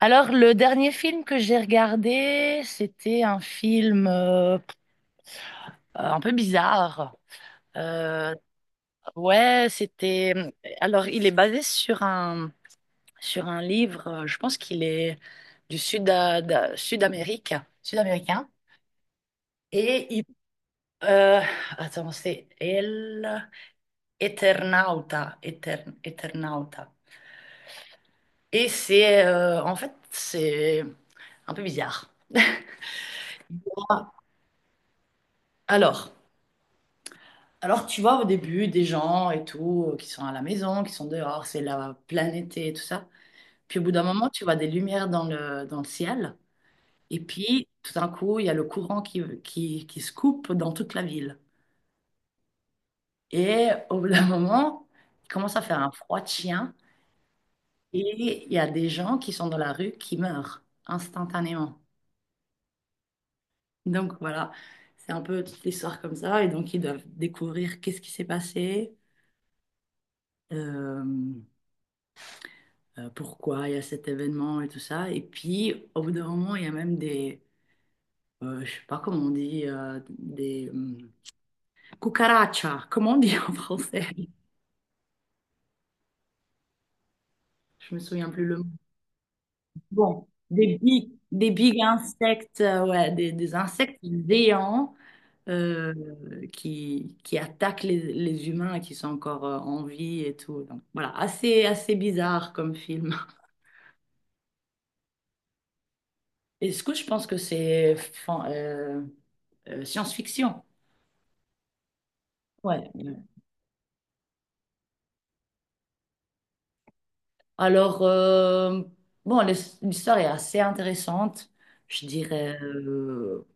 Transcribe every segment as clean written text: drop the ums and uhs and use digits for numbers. Alors, le dernier film que j'ai regardé, c'était un film un peu bizarre. Euh, ouais, c'était. Alors, il est basé sur un livre. Je pense qu'il est du Sud-Amérique, sud-américain. Et il, euh, attends, c'est El Eternauta, Eternauta. Et c'est en fait c'est un peu bizarre. Bon. Alors. Alors, tu vois, au début, des gens et tout, qui sont à la maison, qui sont dehors, c'est la pleine été et tout ça. Puis au bout d'un moment, tu vois des lumières dans le ciel. Et puis, tout d'un coup, il y a le courant qui se coupe dans toute la ville. Et au bout d'un moment, il commence à faire un froid de chien. Et il y a des gens qui sont dans la rue qui meurent instantanément. Donc voilà, c'est un peu toute l'histoire comme ça. Et donc, ils doivent découvrir qu'est-ce qui s'est passé. Euh, pourquoi il y a cet événement et tout ça. Et puis, au bout d'un moment, il y a même des, je sais pas comment on dit, des cucarachas, comment on dit en français? Je me souviens plus le mot. Bon, des big insectes, des insectes géants euh, qui attaquent les humains qui sont encore en vie et tout. Donc voilà, assez bizarre comme film. Et ce que je pense que c'est science-fiction. Ouais. Alors, bon, l'histoire est assez intéressante. Je dirais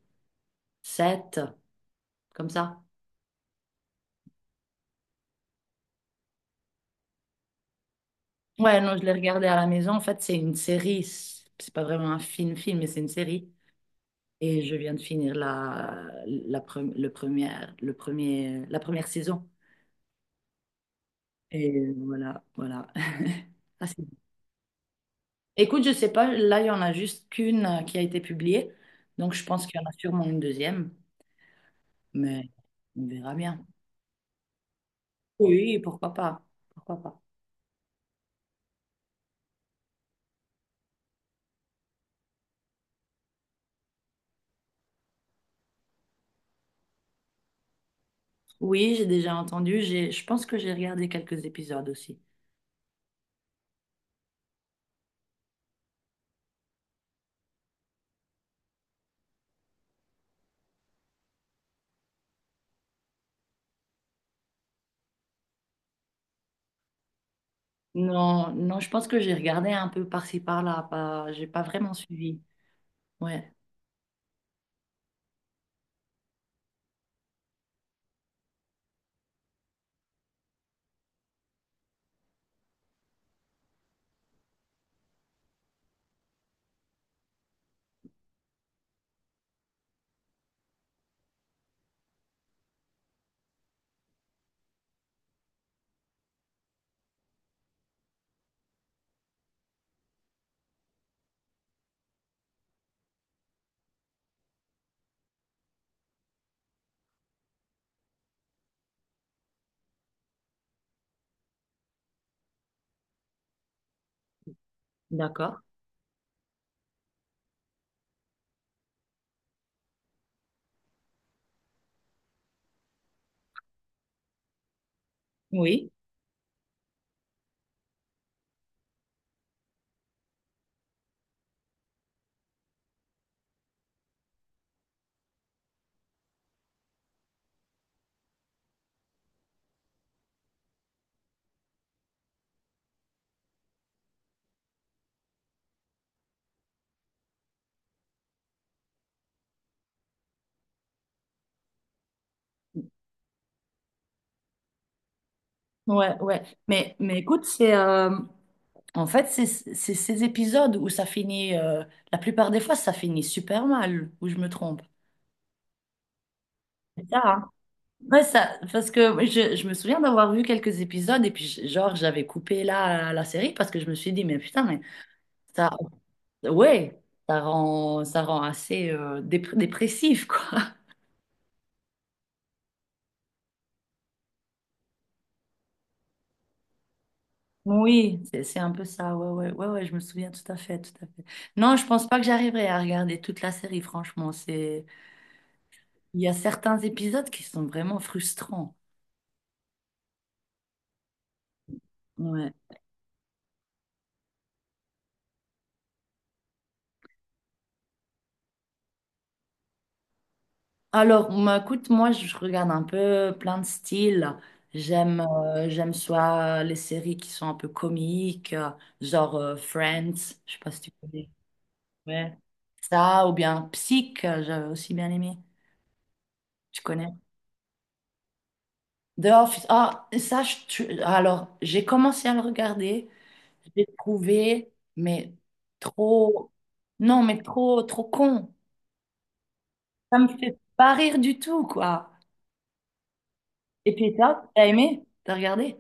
7, comme ça. Ouais, non, je l'ai regardé à la maison. En fait, c'est une série. C'est pas vraiment un film-film, mais c'est une série. Et je viens de finir la, la, pre- le première, le premier, la première saison. Et voilà, voilà. Ah, c'est bon. Écoute, je sais pas, là, il y en a juste qu'une qui a été publiée. Donc, je pense qu'il y en a sûrement une deuxième. Mais on verra bien. Oui, pourquoi pas. Pourquoi pas. Oui, j'ai déjà entendu. J'ai, je pense que j'ai regardé quelques épisodes aussi. Non, non, je pense que j'ai regardé un peu par-ci par-là. Pas, j'ai pas vraiment suivi. Ouais, d'accord. Oui. Ouais, ouais. Mais écoute, c'est en fait c'est ces épisodes où ça finit. La plupart des fois, ça finit super mal. Où je me trompe. C'est ça, hein. Ouais, ça, parce que je me souviens d'avoir vu quelques épisodes et puis genre j'avais coupé là la série parce que je me suis dit mais putain mais ça. Ouais, ça rend assez dépressif, quoi. Oui, c'est un peu ça. Ouais, ouais, ouais, ouais, je me souviens tout à fait, tout à fait. Non, je pense pas que j'arriverai à regarder toute la série, franchement. C'est, il y a certains épisodes qui sont vraiment frustrants. Ouais. Alors, bah, écoute, moi, je regarde un peu plein de styles. J'aime, j'aime soit les séries qui sont un peu comiques, Friends, je sais pas si tu connais. Ouais. Ça, ou bien Psych, j'avais aussi bien aimé. Tu connais? The Office. Ah, ça, alors, j'ai commencé à le regarder. J'ai trouvé, mais trop. Non, mais trop, trop con. Ça me fait pas rire du tout, quoi. Et puis, toi, t'as aimé? T'as regardé?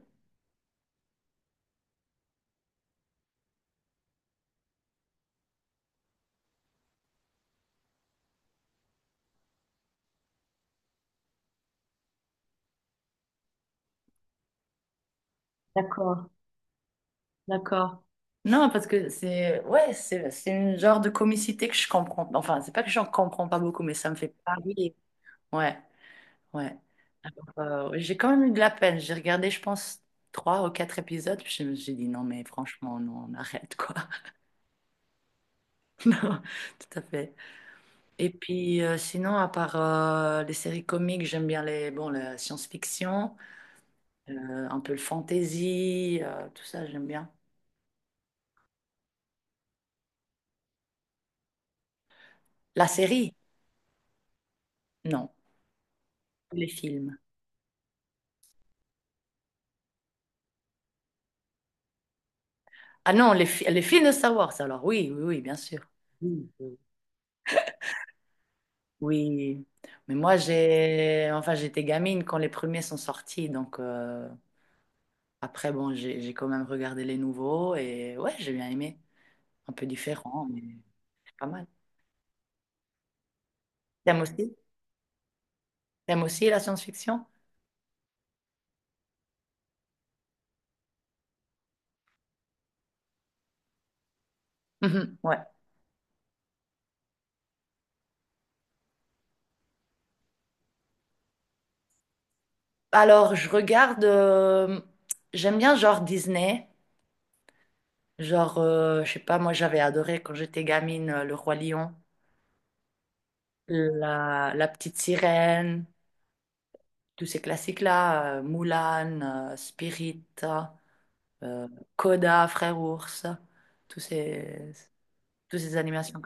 D'accord, d'accord. Non, parce que c'est. Ouais, c'est une genre de comicité que je comprends. Enfin, c'est pas que j'en comprends pas beaucoup, mais ça me fait pas rire. Ouais, ouais. Ouais, j'ai quand même eu de la peine. J'ai regardé, je pense, trois ou quatre épisodes, puis je me suis dit non, mais franchement, non, on arrête, quoi. Non, tout à fait. Et puis, sinon, à part les séries comiques, j'aime bien les, bon, la science-fiction, un peu le fantasy, tout ça, j'aime bien. La série? Non. Les films. Ah non, les films de Star Wars, alors oui, oui, oui, bien sûr. Oui, oui. Oui. Mais moi j'ai enfin j'étais gamine quand les premiers sont sortis donc après, bon, j'ai quand même regardé les nouveaux et ouais, j'ai bien aimé. Un peu différent, mais c'est pas mal. T'aimes aussi? T'aimes aussi la science-fiction? Mhm, ouais. Alors, je regarde. J'aime bien genre Disney. Genre, je sais pas, moi j'avais adoré quand j'étais gamine Le Roi Lion, La Petite Sirène, tous ces classiques-là. Mulan, Spirit, euh, Coda, Frère Ours, tous ces, tous ces animations.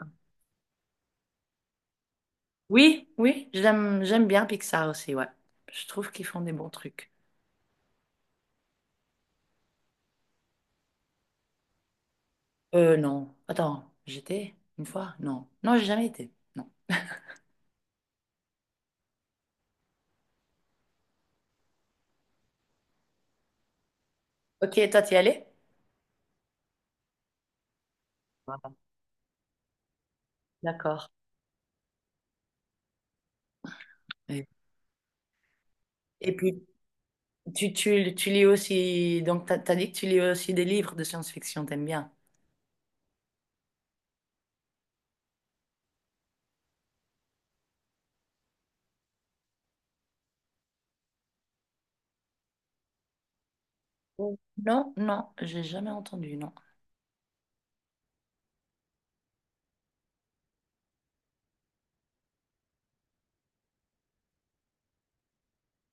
Oui, oui, j'aime bien Pixar aussi, ouais. Je trouve qu'ils font des bons trucs. Non. Attends, j'étais une fois? Non. Non, j'ai jamais été. Non. Ok, toi, t'y allais? Voilà. D'accord. Et et puis, tu lis aussi, donc t'as dit que tu lis aussi des livres de science-fiction, t'aimes bien? Mm. Non, non, j'ai jamais entendu, non.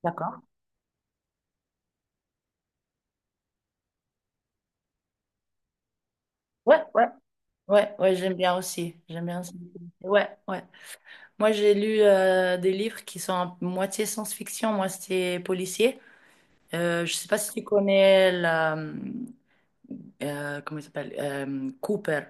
D'accord. Ouais, ouais. Ouais, ouais, j'aime bien aussi. J'aime bien aussi. Ouais, ouais. Moi, j'ai lu des livres qui sont à moitié science-fiction, moitié policier. Je sais pas si tu connais comment il s'appelle Cooper.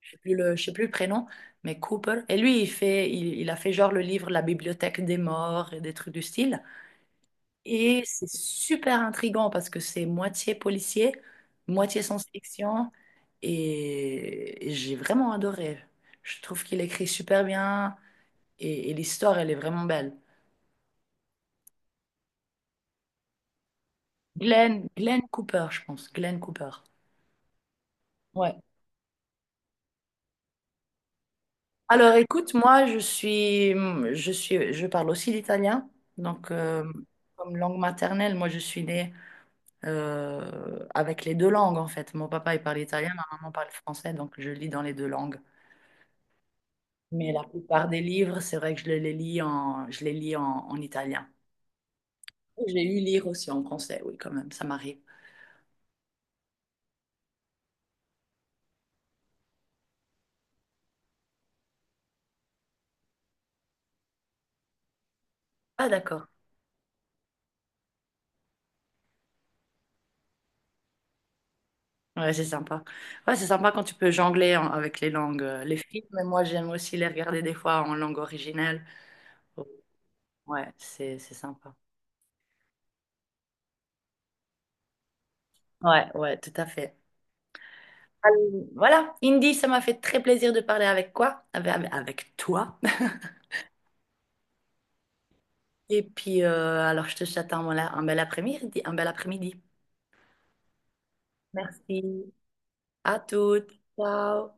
Je sais plus le prénom, mais Cooper. Et lui, il fait, il a fait genre le livre La Bibliothèque des morts et des trucs du style. Et c'est super intriguant parce que c'est moitié policier, moitié science-fiction, et j'ai vraiment adoré. Je trouve qu'il écrit super bien et l'histoire, elle est vraiment belle. Glenn, Glenn Cooper, je pense. Glenn Cooper. Ouais. Alors écoute, moi je parle aussi l'italien, donc comme langue maternelle, moi je suis née avec les deux langues en fait. Mon papa il parle italien, ma maman parle français, donc je lis dans les deux langues. Mais la plupart des livres, c'est vrai que je les lis en en italien. Je les lu lire aussi en français, oui quand même, ça m'arrive. Ah d'accord. Ouais, c'est sympa. Ouais, c'est sympa quand tu peux avec les langues, les films. Mais moi j'aime aussi les regarder des fois en langue originelle. Ouais, c'est sympa. Ouais, ouais, tout à fait. Euh, Voilà, Indy, ça m'a fait très plaisir de parler avec quoi? Avec, avec toi. Et puis, alors, je te souhaite un bel après-midi, un bel après-midi. Merci. À toutes. Ciao.